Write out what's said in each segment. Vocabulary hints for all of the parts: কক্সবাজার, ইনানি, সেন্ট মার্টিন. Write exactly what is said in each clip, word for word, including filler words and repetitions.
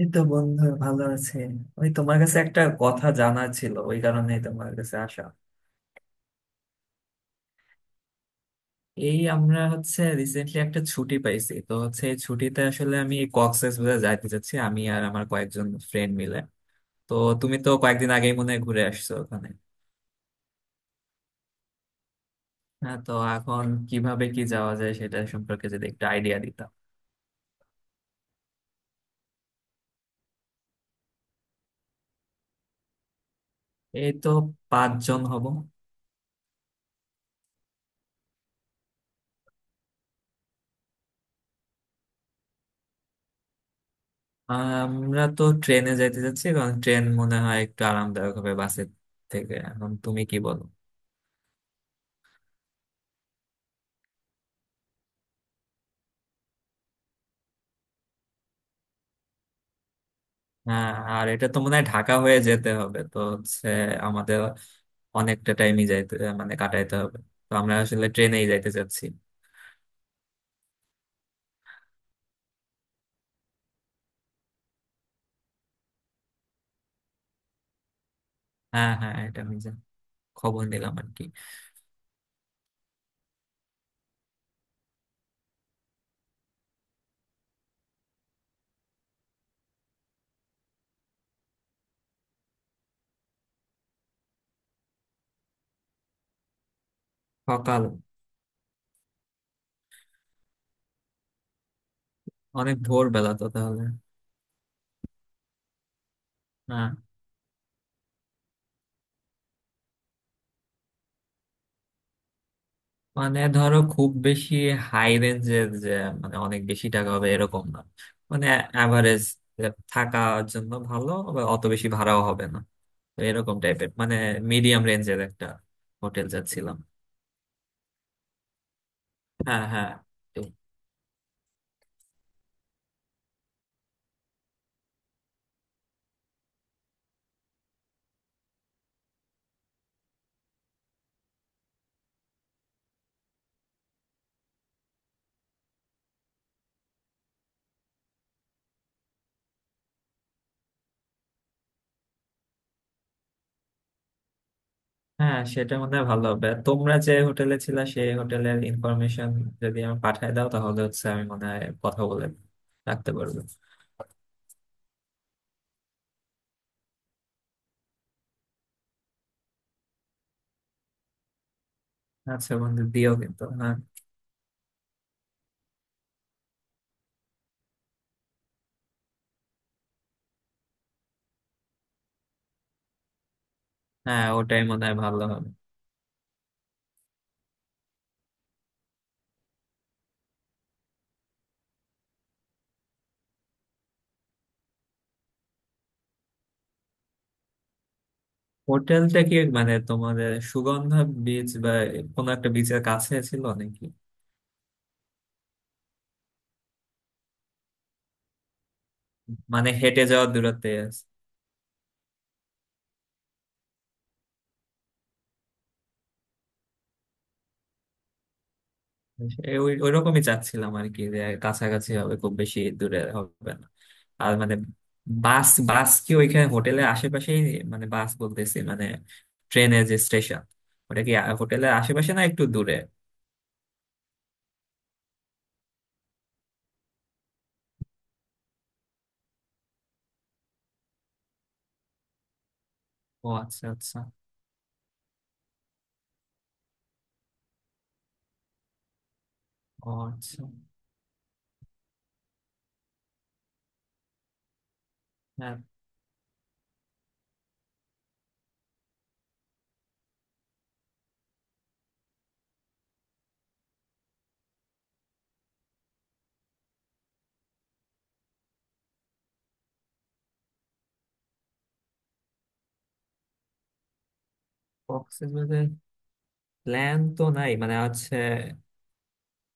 এই তো বন্ধু ভালো আছে। ওই তোমার কাছে একটা কথা জানা ছিল, ওই কারণেই তোমার কাছে আসা। এই আমরা হচ্ছে রিসেন্টলি একটা ছুটি পাইছি, তো হচ্ছে এই ছুটিতে আসলে আমি কক্সবাজার যাইতে চাচ্ছি, আমি আর আমার কয়েকজন ফ্রেন্ড মিলে। তো তুমি তো কয়েকদিন আগেই মনে হয় ঘুরে আসছো ওখানে? হ্যাঁ, তো এখন কিভাবে কি যাওয়া যায় সেটা সম্পর্কে যদি একটা আইডিয়া দিতাম। এই তো, পাঁচজন হব। আমরা তো ট্রেনে যাইতে চাচ্ছি, কারণ ট্রেন মনে হয় একটু আরামদায়ক হবে বাসের থেকে। এখন তুমি কি বলো? হ্যাঁ, আর এটা তো মনে হয় ঢাকা হয়ে যেতে হবে, তো হচ্ছে আমাদের অনেকটা টাইমই যাইতে মানে কাটাইতে হবে। তো আমরা আসলে ট্রেনেই যাইতে চাচ্ছি। হ্যাঁ হ্যাঁ, এটা আমি যা- খবর নিলাম আর কি। সকাল। অনেক ভোর বেলা তো তাহলে। হ্যাঁ, মানে ধরো খুব বেশি হাই রেঞ্জের যে মানে অনেক বেশি টাকা হবে এরকম না। মানে অ্যাভারেজ, থাকার জন্য ভালো আবার অত বেশি ভাড়াও হবে না। তো এরকম টাইপের, মানে মিডিয়াম রেঞ্জের একটা হোটেল যাচ্ছিলাম। হ্যাঁ হ্যাঁ। হ্যাঁ, সেটা মনে হয় ভালো হবে। আর তোমরা যে হোটেলে ছিলা সেই হোটেলের ইনফরমেশন যদি আমি পাঠায় দাও তাহলে হচ্ছে আমি মনে হয় কথা বলে রাখতে পারবো। আচ্ছা বন্ধু, দিও কিন্তু, হ্যাঁ। হ্যাঁ, ওটাই মনে হয় ভালো হবে। হোটেলটা কি মানে তোমাদের সুগন্ধা বিচ বা কোনো একটা বিচের কাছে ছিল নাকি? মানে হেঁটে যাওয়ার দূরত্বে? এ, ওই ওইরকমই চাচ্ছিলাম আর কি, যে কাছাকাছি হবে, খুব বেশি দূরে হবে না। আর মানে বাস বাস কি ওইখানে হোটেলের আশেপাশেই? মানে বাস বলতেছি, মানে ট্রেনের যে স্টেশন, ওটা কি আ- হোটেলের আশেপাশে না একটু দূরে? ও আচ্ছা আচ্ছা। ও আচ্ছা। হ্যাঁ। কক্সবাজারের প্ল্যান তো নাই, মানে হচ্ছে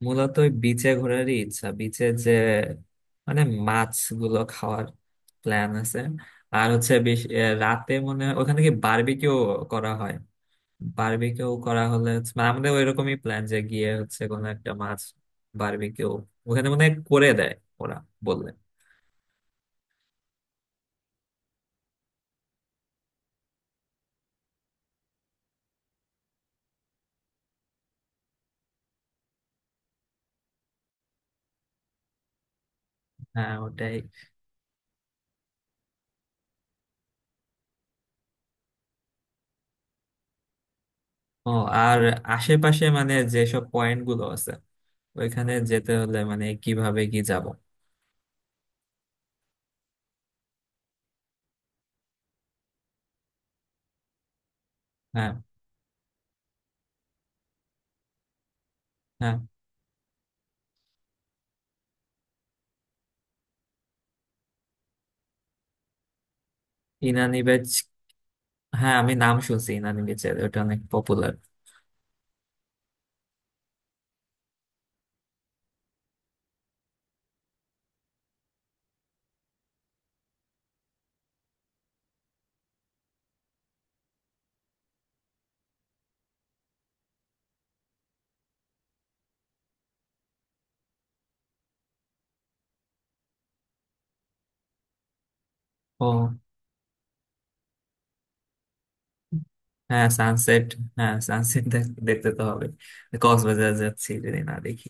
মূলত ওই বিচে ঘোরারই ইচ্ছা। বিচে যে মানে মাছগুলো খাওয়ার প্ল্যান আছে। আর হচ্ছে বেশ আহ, রাতে মনে হয় ওখানে কি বারবিকিউ করা হয়? বারবিকিউ করা হলে হচ্ছে, মানে আমাদের ওইরকমই প্ল্যান, যে গিয়ে হচ্ছে কোনো একটা মাছ বারবিকিউ ওখানে মনে হয় করে দেয় ওরা, বললে। হ্যাঁ, ওটাই। ও। আর আশেপাশে মানে যেসব পয়েন্ট গুলো আছে ওইখানে যেতে হলে মানে কিভাবে কি যাব? হ্যাঁ হ্যাঁ। ইনানি। হ্যাঁ, আমি নাম শুনছি ইনানি বিচের, ওটা অনেক পপুলার। ও। হ্যাঁ সানসেট, হ্যাঁ সানসেট দেখতে তো হবে, কক্সবাজার যাচ্ছি যদি না দেখি।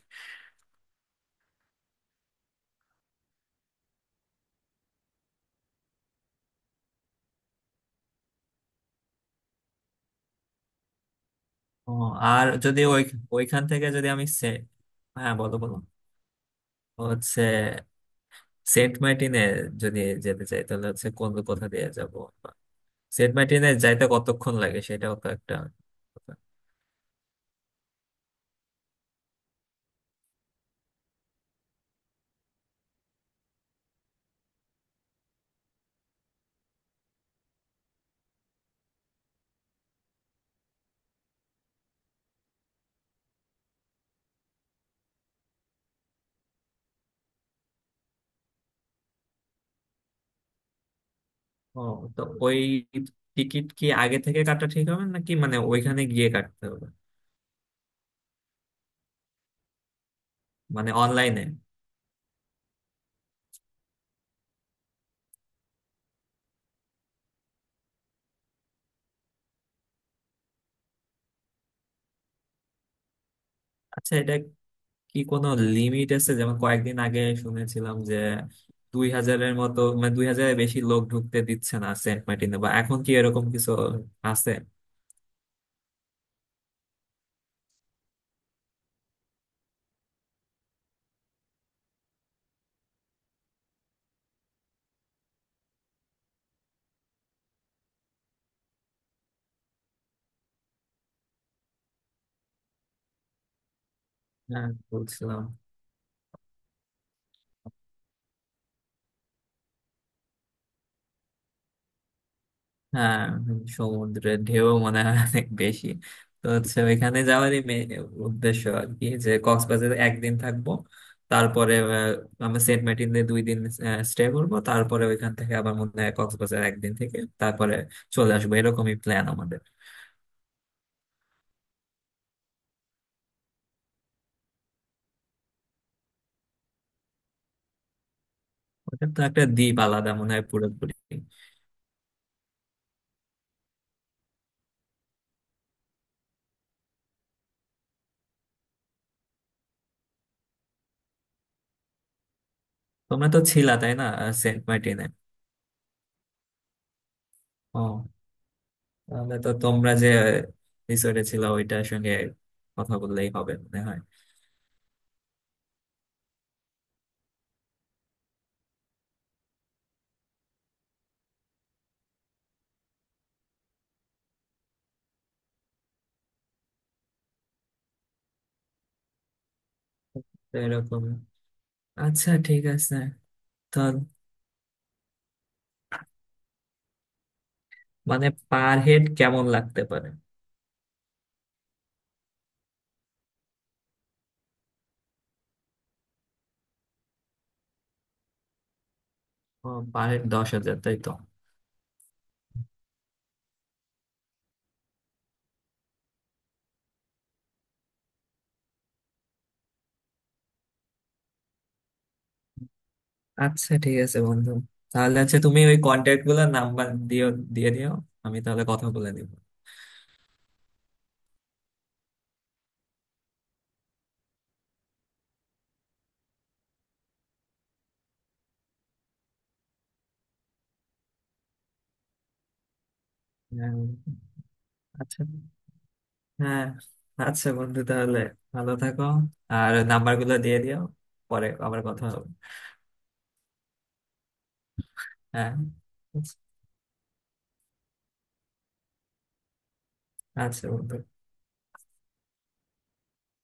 ও। আর যদি ওই ওইখান থেকে যদি আমি সে- হ্যাঁ বলো বলো। হচ্ছে সেন্ট মার্টিনে যদি যেতে চাই তাহলে হচ্ছে কোন কোথা দিয়ে যাব? সেন্ট মার্টিনে যাইতে কতক্ষণ লাগে সেটাও তো একটা কথা। ও। তো ওই টিকিট কি আগে থেকে কাটা ঠিক হবে নাকি মানে ওইখানে গিয়ে কাটতে হবে? মানে অনলাইনে। আচ্ছা, এটা কি কোনো লিমিট আছে? যেমন কয়েকদিন আগে শুনেছিলাম যে দুই হাজারের মতো, মানে দুই হাজারের বেশি লোক ঢুকতে দিচ্ছে না সেন্ট মার্টিনে, বা এখন কি এরকম কিছু আছে? হ্যাঁ, বলছিলাম। হ্যাঁ, সমুদ্রের ঢেউ মনে হয় অনেক বেশি। তো হচ্ছে ওইখানে যাওয়ারই main উদ্দেশ্য আর কি, যে কক্সবাজারে একদিন থাকবো, তারপরে আহ, আমরা সেন্ট মার্টিনে দুই দিন স্টে করবো, তারপরে ওইখান থেকে আবার মনে হয় কক্সবাজার একদিন থেকে তারপরে চলে আসবো, এরকমই প্ল্যান আমাদের। ওটা তো একটা দ্বীপ, আলাদা মনে হয় পুরোপুরি। তোমরা তো ছিলা তাই না আহ, সেন্ট মার্টিনে? ও, তাহলে তো তোমরা যে রিসোর্টে ছিল ওইটার সঙ্গে কথা বললেই হবে মনে হয়। তো এরকম। আচ্ছা, ঠিক আছে। ধর মানে পার হেড কেমন লাগতে পারে? ও, পার হেড দশ হাজার তাই তো? আচ্ছা ঠিক আছে বন্ধু, তাহলে হচ্ছে তুমি ওই কন্ট্যাক্ট গুলোর নাম্বার দিও, দিয়ে দিও। আমি তাহলে কথা বলে দিব। হ্যাঁ। আচ্ছা। হ্যাঁ। আচ্ছা বন্ধু, তাহলে ভালো থাকো। আর নাম্বার গুলো দিয়ে দিও। পরে আবার কথা হবে। হ্যাঁ। আচ্ছা। আচ্ছা বন্ধু।